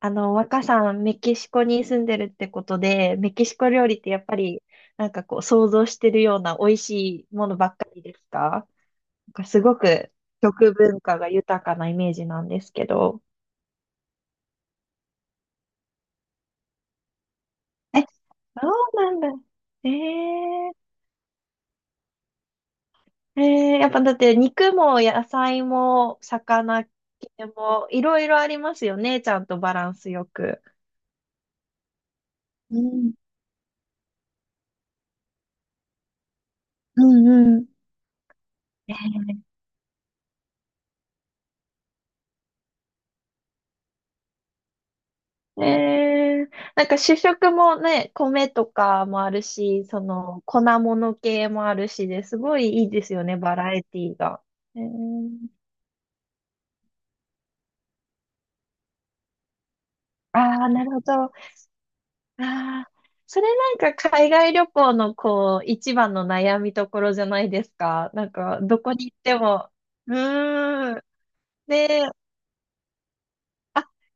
若さん、メキシコに住んでるってことで、メキシコ料理ってやっぱり、想像してるような美味しいものばっかりですか？なんかすごく食文化が豊かなイメージなんですけど。え、そうなんだ。えー、やっぱだって肉も野菜も魚系もいろいろありますよね。ちゃんとバランスよく。うん、うん、うん。えーねえ、なんか主食もね、米とかもあるし、その粉物系もあるしで、すごいいいですよね、バラエティが。えああー、なるほど。ああ、それなんか海外旅行のこう、一番の悩みところじゃないですか。なんか、どこに行っても。うーん。ね、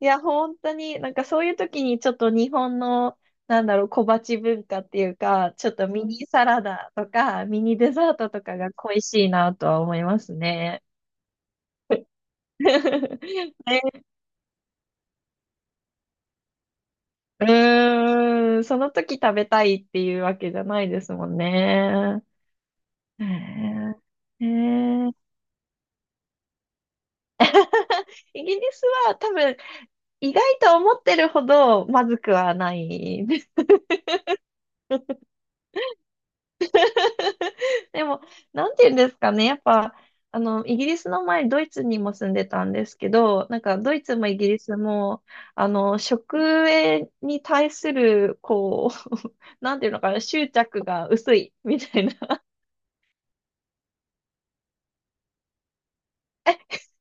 いや、本当に、なんかそういう時にちょっと日本の、なんだろう、小鉢文化っていうか、ちょっとミニサラダとか、ミニデザートとかが恋しいなとは思いますね。ね、うーん、その時食べたいっていうわけじゃないですもんね。へえ。へえ。イギリスは多分、意外と思ってるほどまずくはない。でも、なんて言うんですかね。やっぱ、イギリスの前、ドイツにも住んでたんですけど、なんか、ドイツもイギリスも、食へに対する、こう、なんていうのかな、執着が薄い、みたいな。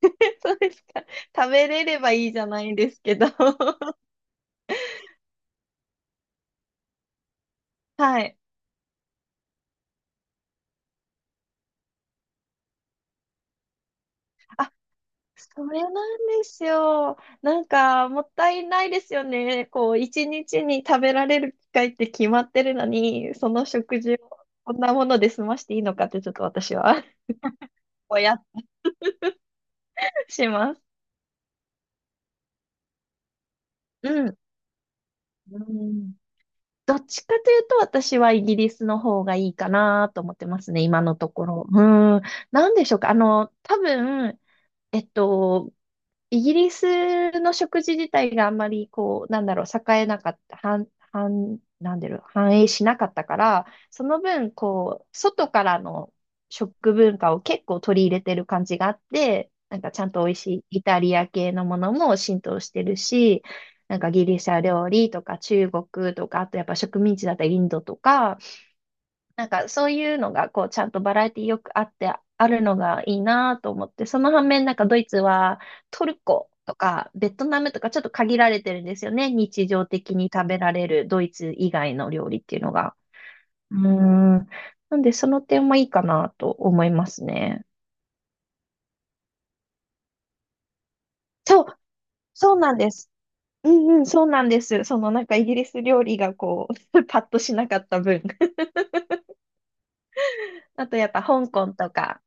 そうですか。食べれればいいじゃないんですけど。はい。それなんですよ。なんか、もったいないですよね。こう、一日に食べられる機会って決まってるのに、その食事をこんなもので済ましていいのかって、ちょっと私は ぼやっとします。うん。うん。どっちかというと、私はイギリスの方がいいかなと思ってますね、今のところ。うん。なんでしょうか。あの、多分、えっと、イギリスの食事自体があんまりこう、なんだろう、栄えなかった、繁、繁、なんだろう、繁栄しなかったから、その分、こう、外からの食文化を結構取り入れてる感じがあって、なんかちゃんと美味しいイタリア系のものも浸透してるし、なんかギリシャ料理とか中国とか、あとやっぱ植民地だったりインドとか、なんかそういうのがこうちゃんとバラエティよくあってあるのがいいなと思って、その反面なんかドイツはトルコとかベトナムとかちょっと限られてるんですよね。日常的に食べられるドイツ以外の料理っていうのが。うーん。なんでその点もいいかなと思いますね。そう、そうなんです。うんうん、そうなんです。そのなんかイギリス料理がこう、パッとしなかった分。あとやっぱ香港とか、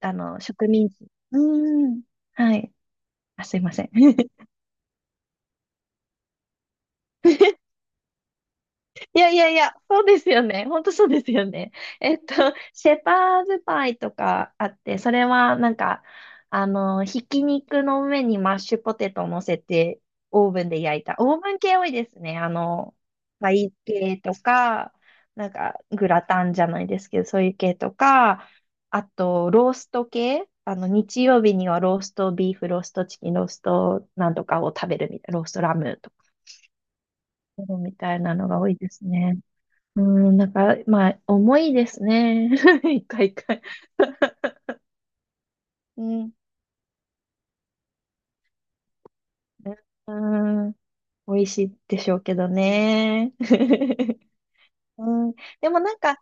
あの、植民地。うん。はい。あ、すいません。いやいやいや、そうですよね。本当そうですよね。えっと、シェパーズパイとかあって、それはなんか、あの、ひき肉の上にマッシュポテトを乗せて、オーブンで焼いた。オーブン系多いですね。あの、パイ系とか、なんか、グラタンじゃないですけど、そういう系とか、あと、ロースト系。あの、日曜日にはローストビーフ、ローストチキン、ローストなんとかを食べるみたいな、ローストラムそうみたいなのが多いですね。うん、なんか、まあ、重いですね。一回一回。うん、うん、美味しいでしょうけどね。うん、でもなんか、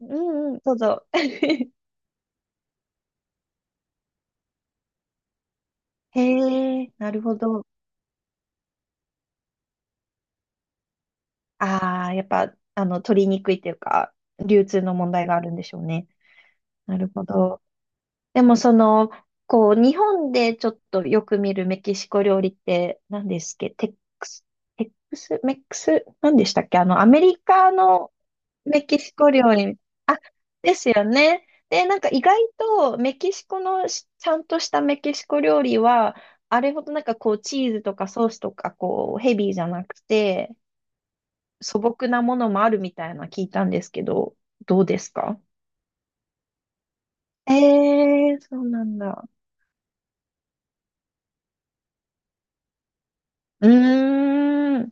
うんうん、どうぞ。へえ、なるほど。ああ、やっぱ、あの、取りにくいというか、流通の問題があるんでしょうね。なるほど。でもその、こう、日本でちょっとよく見るメキシコ料理って何ですっけ？クス、テックス、メックス、何でしたっけあの、アメリカのメキシコ料理。あ、ですよね。で、なんか意外とメキシコのちゃんとしたメキシコ料理は、あれほどなんかこう、チーズとかソースとかこう、ヘビーじゃなくて、素朴なものもあるみたいな聞いたんですけど、どうですか？ええー、そうなんだ。うーん。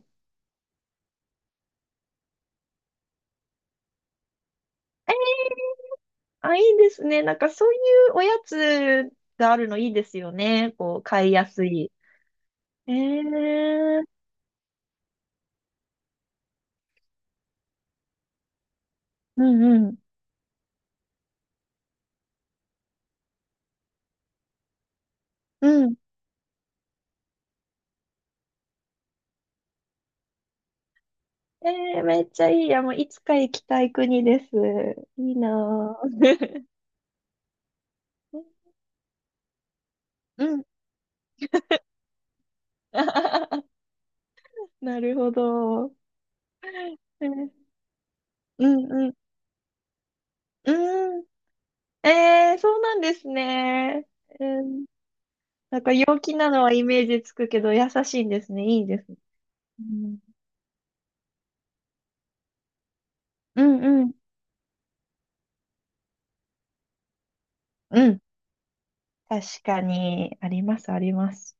えあ、いいですね。なんかそういうおやつがあるのいいですよね。こう、買いやすい。えー、うんうん。うん。えー、めっちゃいい。いや、もういつか行きたい国です。いいなぁ。うん。なるほど。えーうんうん。うん。えー、そうなんですね。うん。なんか陽気なのはイメージつくけど、優しいんですね。いいです。うん。うんうん。うん。確かに、あります、あります。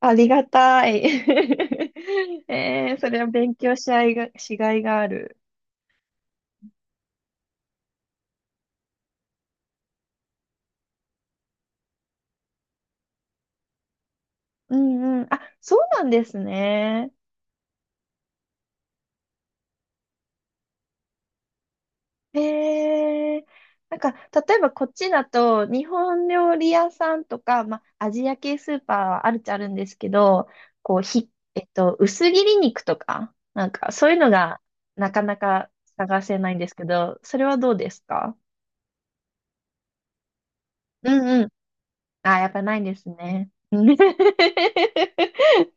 ありがたい。えー、それは勉強しがいが、しがいがある。うんうん。あ、そうなんですね。へえなんか、例えばこっちだと、日本料理屋さんとか、まあ、アジア系スーパーはあるっちゃあるんですけど、こう、ひ、えっと、薄切り肉とか、なんか、そういうのがなかなか探せないんですけど、それはどうですか？うんあ、やっぱないんですね。な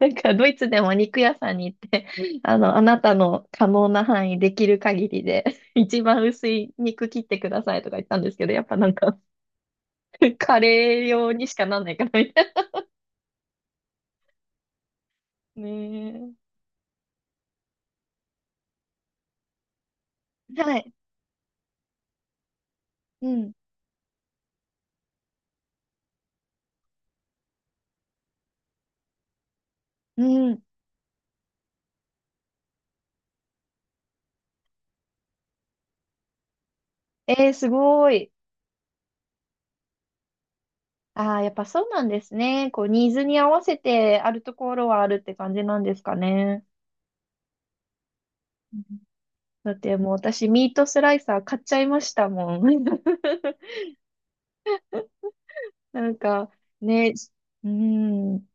んか、ドイツでも肉屋さんに行って、あの、あなたの可能な範囲、できる限りで、一番薄い肉切ってくださいとか言ったんですけど、やっぱなんか、カレー用にしかなんないからみたいな。ねえ。はい。うん。うん。えー、すごい。ああ、やっぱそうなんですね。こう、ニーズに合わせてあるところはあるって感じなんですかね。うんだってもう私、ミートスライサー買っちゃいましたもん。なんか、ね、うーん。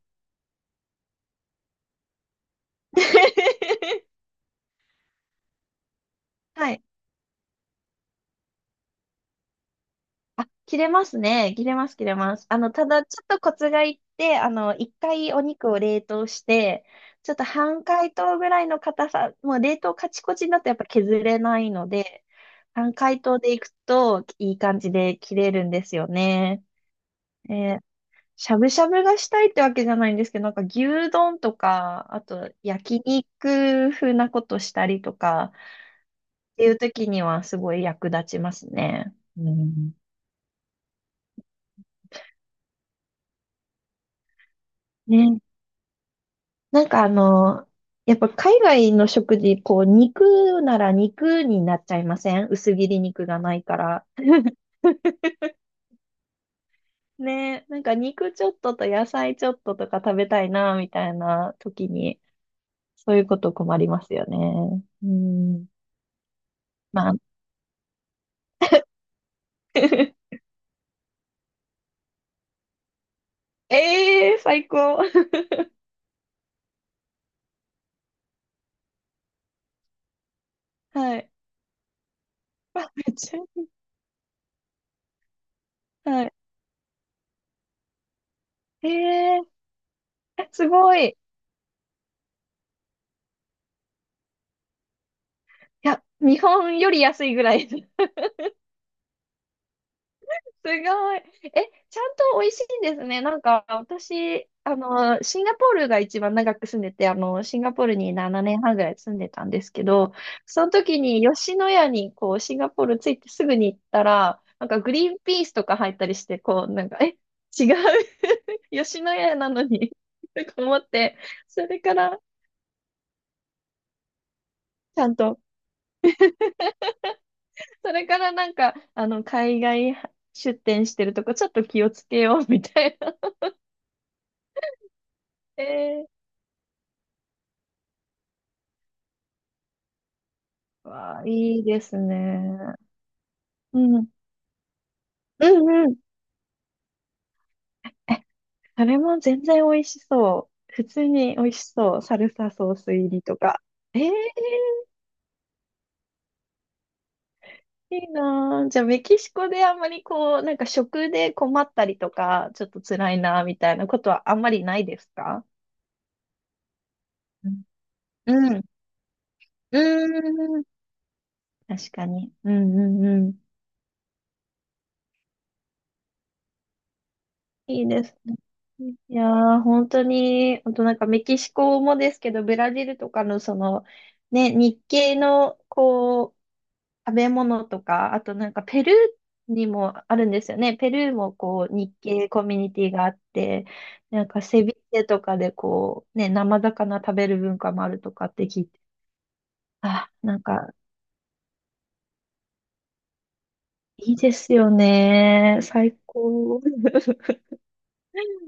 はい。あ、切れますね。切れます、切れます。あの、ただ、ちょっとコツがいって、あの、一回お肉を冷凍して、ちょっと半解凍ぐらいの硬さ、もう冷凍カチコチになってやっぱ削れないので、半解凍でいくといい感じで切れるんですよね。えーしゃぶしゃぶがしたいってわけじゃないんですけど、なんか牛丼とか、あと焼肉風なことしたりとか、っていう時にはすごい役立ちますね。うん。ね。なんかあの、やっぱ海外の食事、こう、肉なら肉になっちゃいません？薄切り肉がないから。ね。なんか肉ちょっとと野菜ちょっととか食べたいな、みたいな時に、そういうこと困りますよね。うん。まあ。ええー、最高。はい。あめっちゃ、はい。ええー、すごい。いや、日本より安いぐらい。すごい。え、ちゃんと美味しいんですね。なんか、私、あの、シンガポールが一番長く住んでて、あの、シンガポールに7年半ぐらい住んでたんですけど、その時に吉野家に、こう、シンガポール着いてすぐに行ったら、なんかグリーンピースとか入ったりして、こう、なんか、え、違う 吉野家なのに とか思って、それから、ちゃんと、それからなんか、あの、海外出店してるとこ、ちょっと気をつけようみたいな。えーわあ、いいですね。うん。うんうん。あれも全然美味しそう。普通に美味しそう。サルサソース入りとか。ええいいなあじゃあ、メキシコであんまりこう、なんか食で困ったりとか、ちょっと辛いな、みたいなことはあんまりないですか？うん。うん。うーん。確かに。うんうんうん。いいですね。いやー、本当に、あとなんかメキシコもですけど、ブラジルとかのその、ね、日系の、こう、食べ物とか、あとなんかペルーにもあるんですよね。ペルーもこう、日系コミュニティがあって、なんかセビチェとかでこう、ね、生魚食べる文化もあるとかって聞いて、あ、なんか、いいですよね。最高。